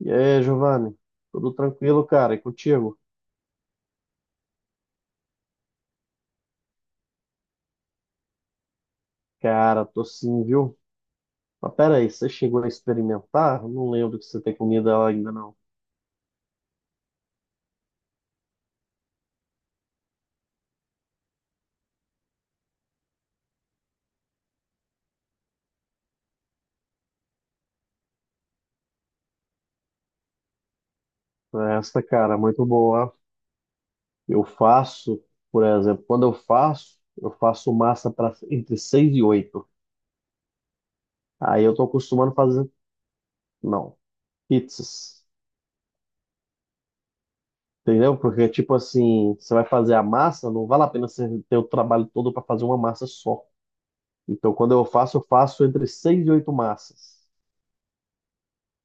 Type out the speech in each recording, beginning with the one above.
E aí, Giovanni? Tudo tranquilo, cara? E contigo? Cara, tô sim, viu? Mas pera aí, você chegou a experimentar? Eu não lembro que você tem comida lá ainda, não. Essa, cara, é muito boa. Eu faço, por exemplo, quando eu faço massa para entre 6 e 8. Aí eu tô acostumado a fazer, não, pizzas. Entendeu? Porque, tipo assim, você vai fazer a massa, não vale a pena você ter o trabalho todo para fazer uma massa só. Então, quando eu faço entre 6 e 8 massas.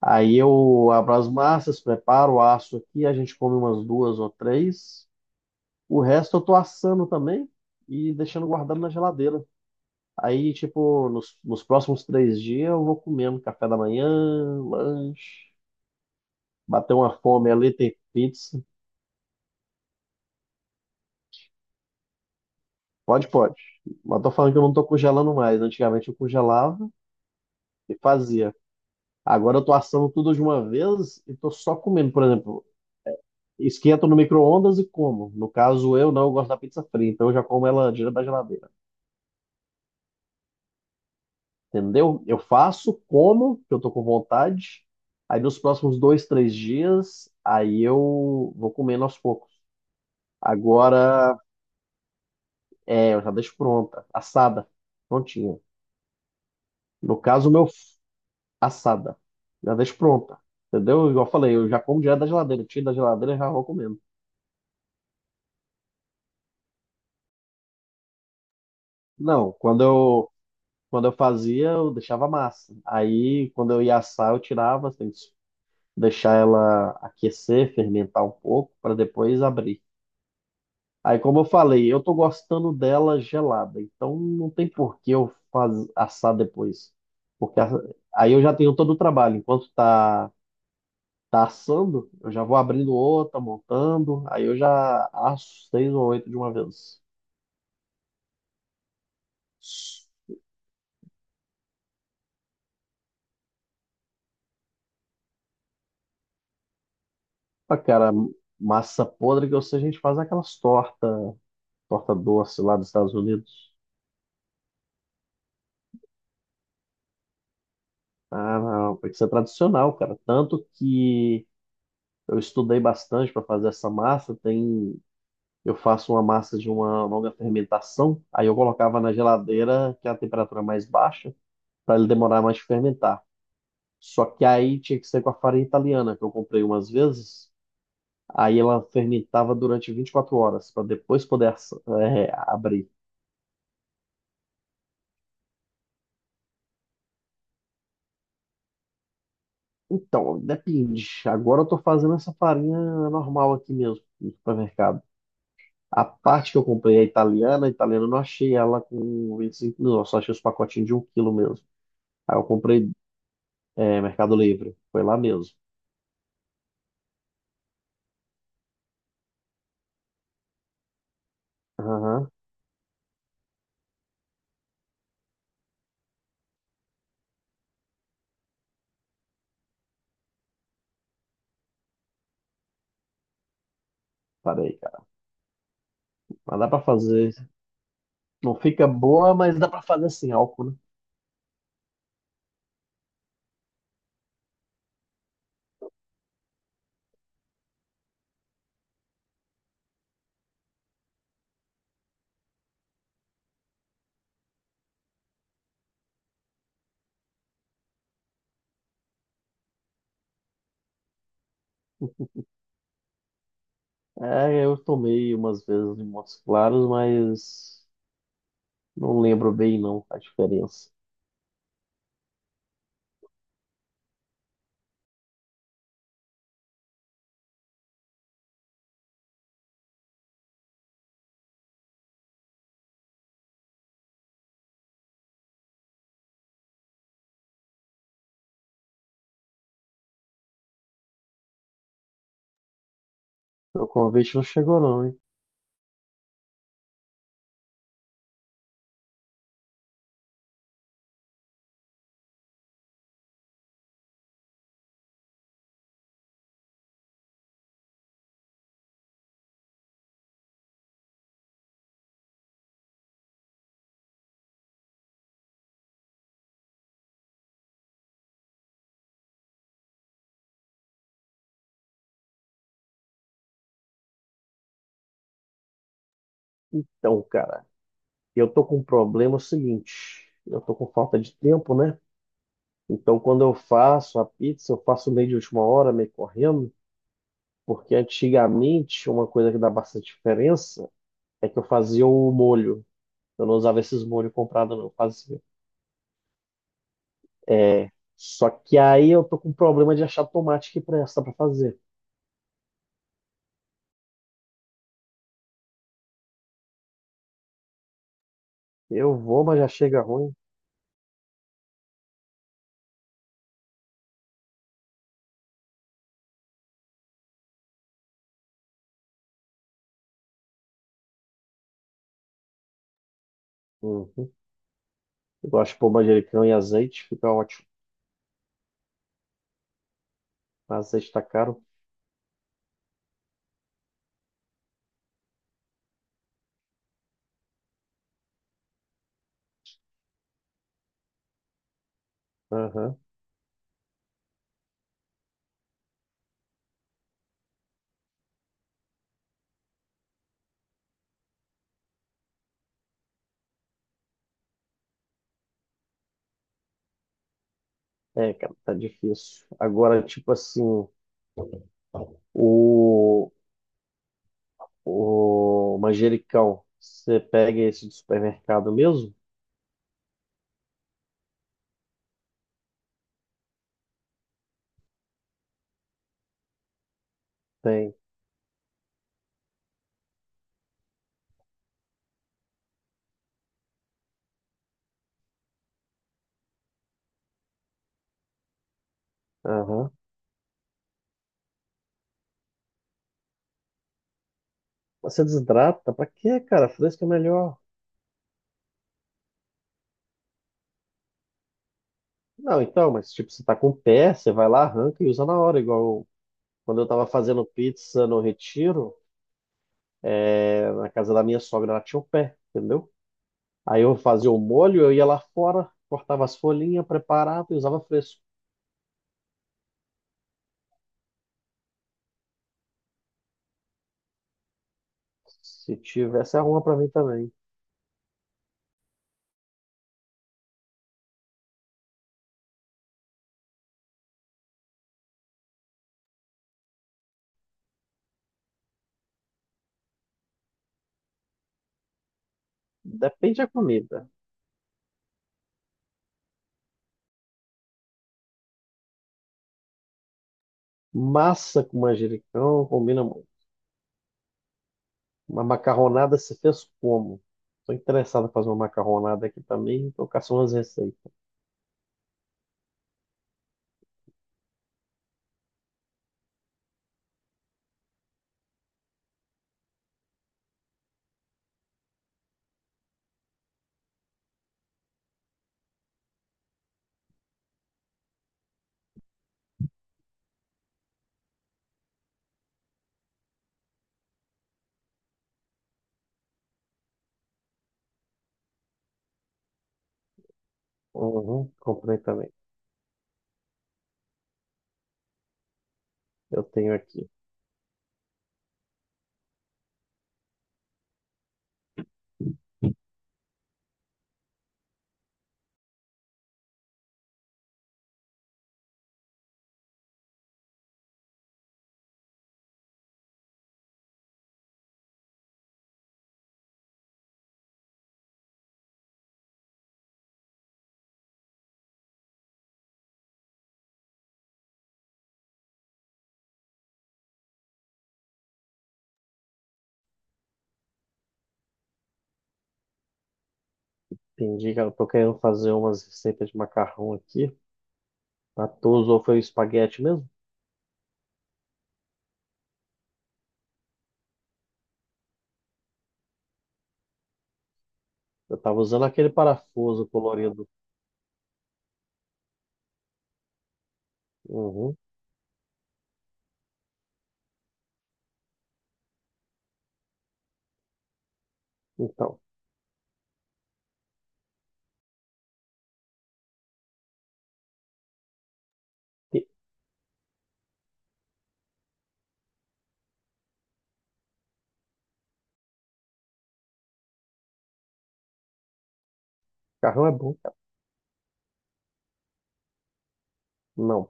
Aí eu abro as massas, preparo o aço aqui, a gente come umas duas ou três. O resto eu tô assando também e deixando guardado na geladeira. Aí, tipo, nos próximos 3 dias eu vou comendo café da manhã, lanche, bater uma fome ali, tem pizza. Pode, pode. Mas tô falando que eu não tô congelando mais. Antigamente eu congelava e fazia. Agora eu tô assando tudo de uma vez e tô só comendo. Por exemplo, esquento no micro-ondas e como. No caso, eu não eu gosto da pizza fria, então eu já como ela direto da geladeira. Entendeu? Eu faço, como, que eu tô com vontade. Aí nos próximos 2, 3 dias, aí eu vou comendo aos poucos. Agora, eu já deixo pronta, assada, prontinha. No caso, assada, já deixo pronta, entendeu? Igual eu falei, eu já como direto da geladeira, tiro da geladeira e já vou comendo. Não, quando eu fazia, eu deixava massa. Aí, quando eu ia assar, eu tirava, assim, deixar ela aquecer, fermentar um pouco, para depois abrir. Aí, como eu falei, eu tô gostando dela gelada, então não tem por que eu assar depois. Porque a- Aí eu já tenho todo o trabalho. Enquanto tá assando, eu já vou abrindo outra, montando, aí eu já asso seis ou oito de uma vez. Ah, cara, massa podre que eu sei, a gente faz aquelas tortas, torta doce lá dos Estados Unidos. Ah, não, tem que ser tradicional, cara. Tanto que eu estudei bastante para fazer essa massa. Tem, eu faço uma massa de uma longa fermentação, aí eu colocava na geladeira, que é a temperatura mais baixa, para ele demorar mais de fermentar. Só que aí tinha que ser com a farinha italiana, que eu comprei umas vezes. Aí ela fermentava durante 24 horas, para depois poder abrir. Então, depende. Agora eu estou fazendo essa farinha normal aqui mesmo, no supermercado. A parte que eu comprei é italiana, a italiana eu não achei ela com 25 mil, eu só achei os pacotinhos de um quilo mesmo. Aí eu comprei Mercado Livre, foi lá mesmo. Aham, parei, cara. Mas dá pra fazer. Não fica boa, mas dá pra fazer sem álcool, né? É, eu tomei umas vezes em Montes Claros, mas não lembro bem não a diferença. Meu convite não chegou não, hein? Então, cara, eu tô com um problema seguinte. Eu tô com falta de tempo, né? Então, quando eu faço a pizza, eu faço meio de última hora, meio correndo, porque antigamente uma coisa que dá bastante diferença é que eu fazia o molho. Eu não usava esses molhos comprados, não. Eu fazia. É, só que aí eu tô com um problema de achar tomate que presta para fazer. Eu vou, mas já chega ruim. Uhum. Eu gosto de pôr manjericão e azeite, fica ótimo. Azeite tá caro. Aham. É, cara, tá difícil. Agora, tipo assim, o O manjericão, você pega esse do supermercado mesmo? Tem. Aham. Mas você desidrata? Pra quê, cara? Fresco é melhor. Não, então, mas tipo, você tá com o pé, você vai lá, arranca e usa na hora. Igual quando eu tava fazendo pizza no Retiro, é, na casa da minha sogra, ela tinha o pé, entendeu? Aí eu fazia o molho, eu ia lá fora, cortava as folhinhas, preparava e usava fresco. Se tivesse, arruma pra mim também. Depende da comida. Massa com manjericão combina. Uma macarronada se fez como? Estou interessado em fazer uma macarronada aqui também. Estou caçando umas receitas. Uhum, comprei também. Eu tenho aqui. Entendi, cara. Estou querendo fazer umas receitas de macarrão aqui. A tua usou foi o espaguete mesmo? Eu estava usando aquele parafuso colorido. Uhum. Então, que- macarrão é bom, cara. Não.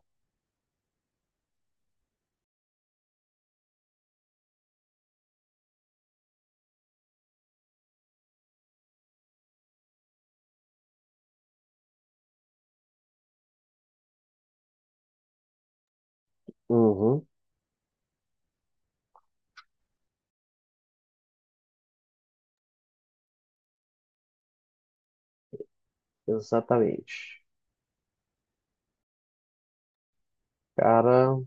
Uhum. Exatamente. Cara,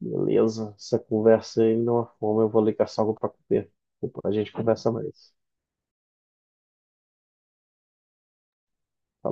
beleza. Essa conversa aí me deu uma fome. Eu vou ali caçar algo para comer. Depois a gente conversa mais.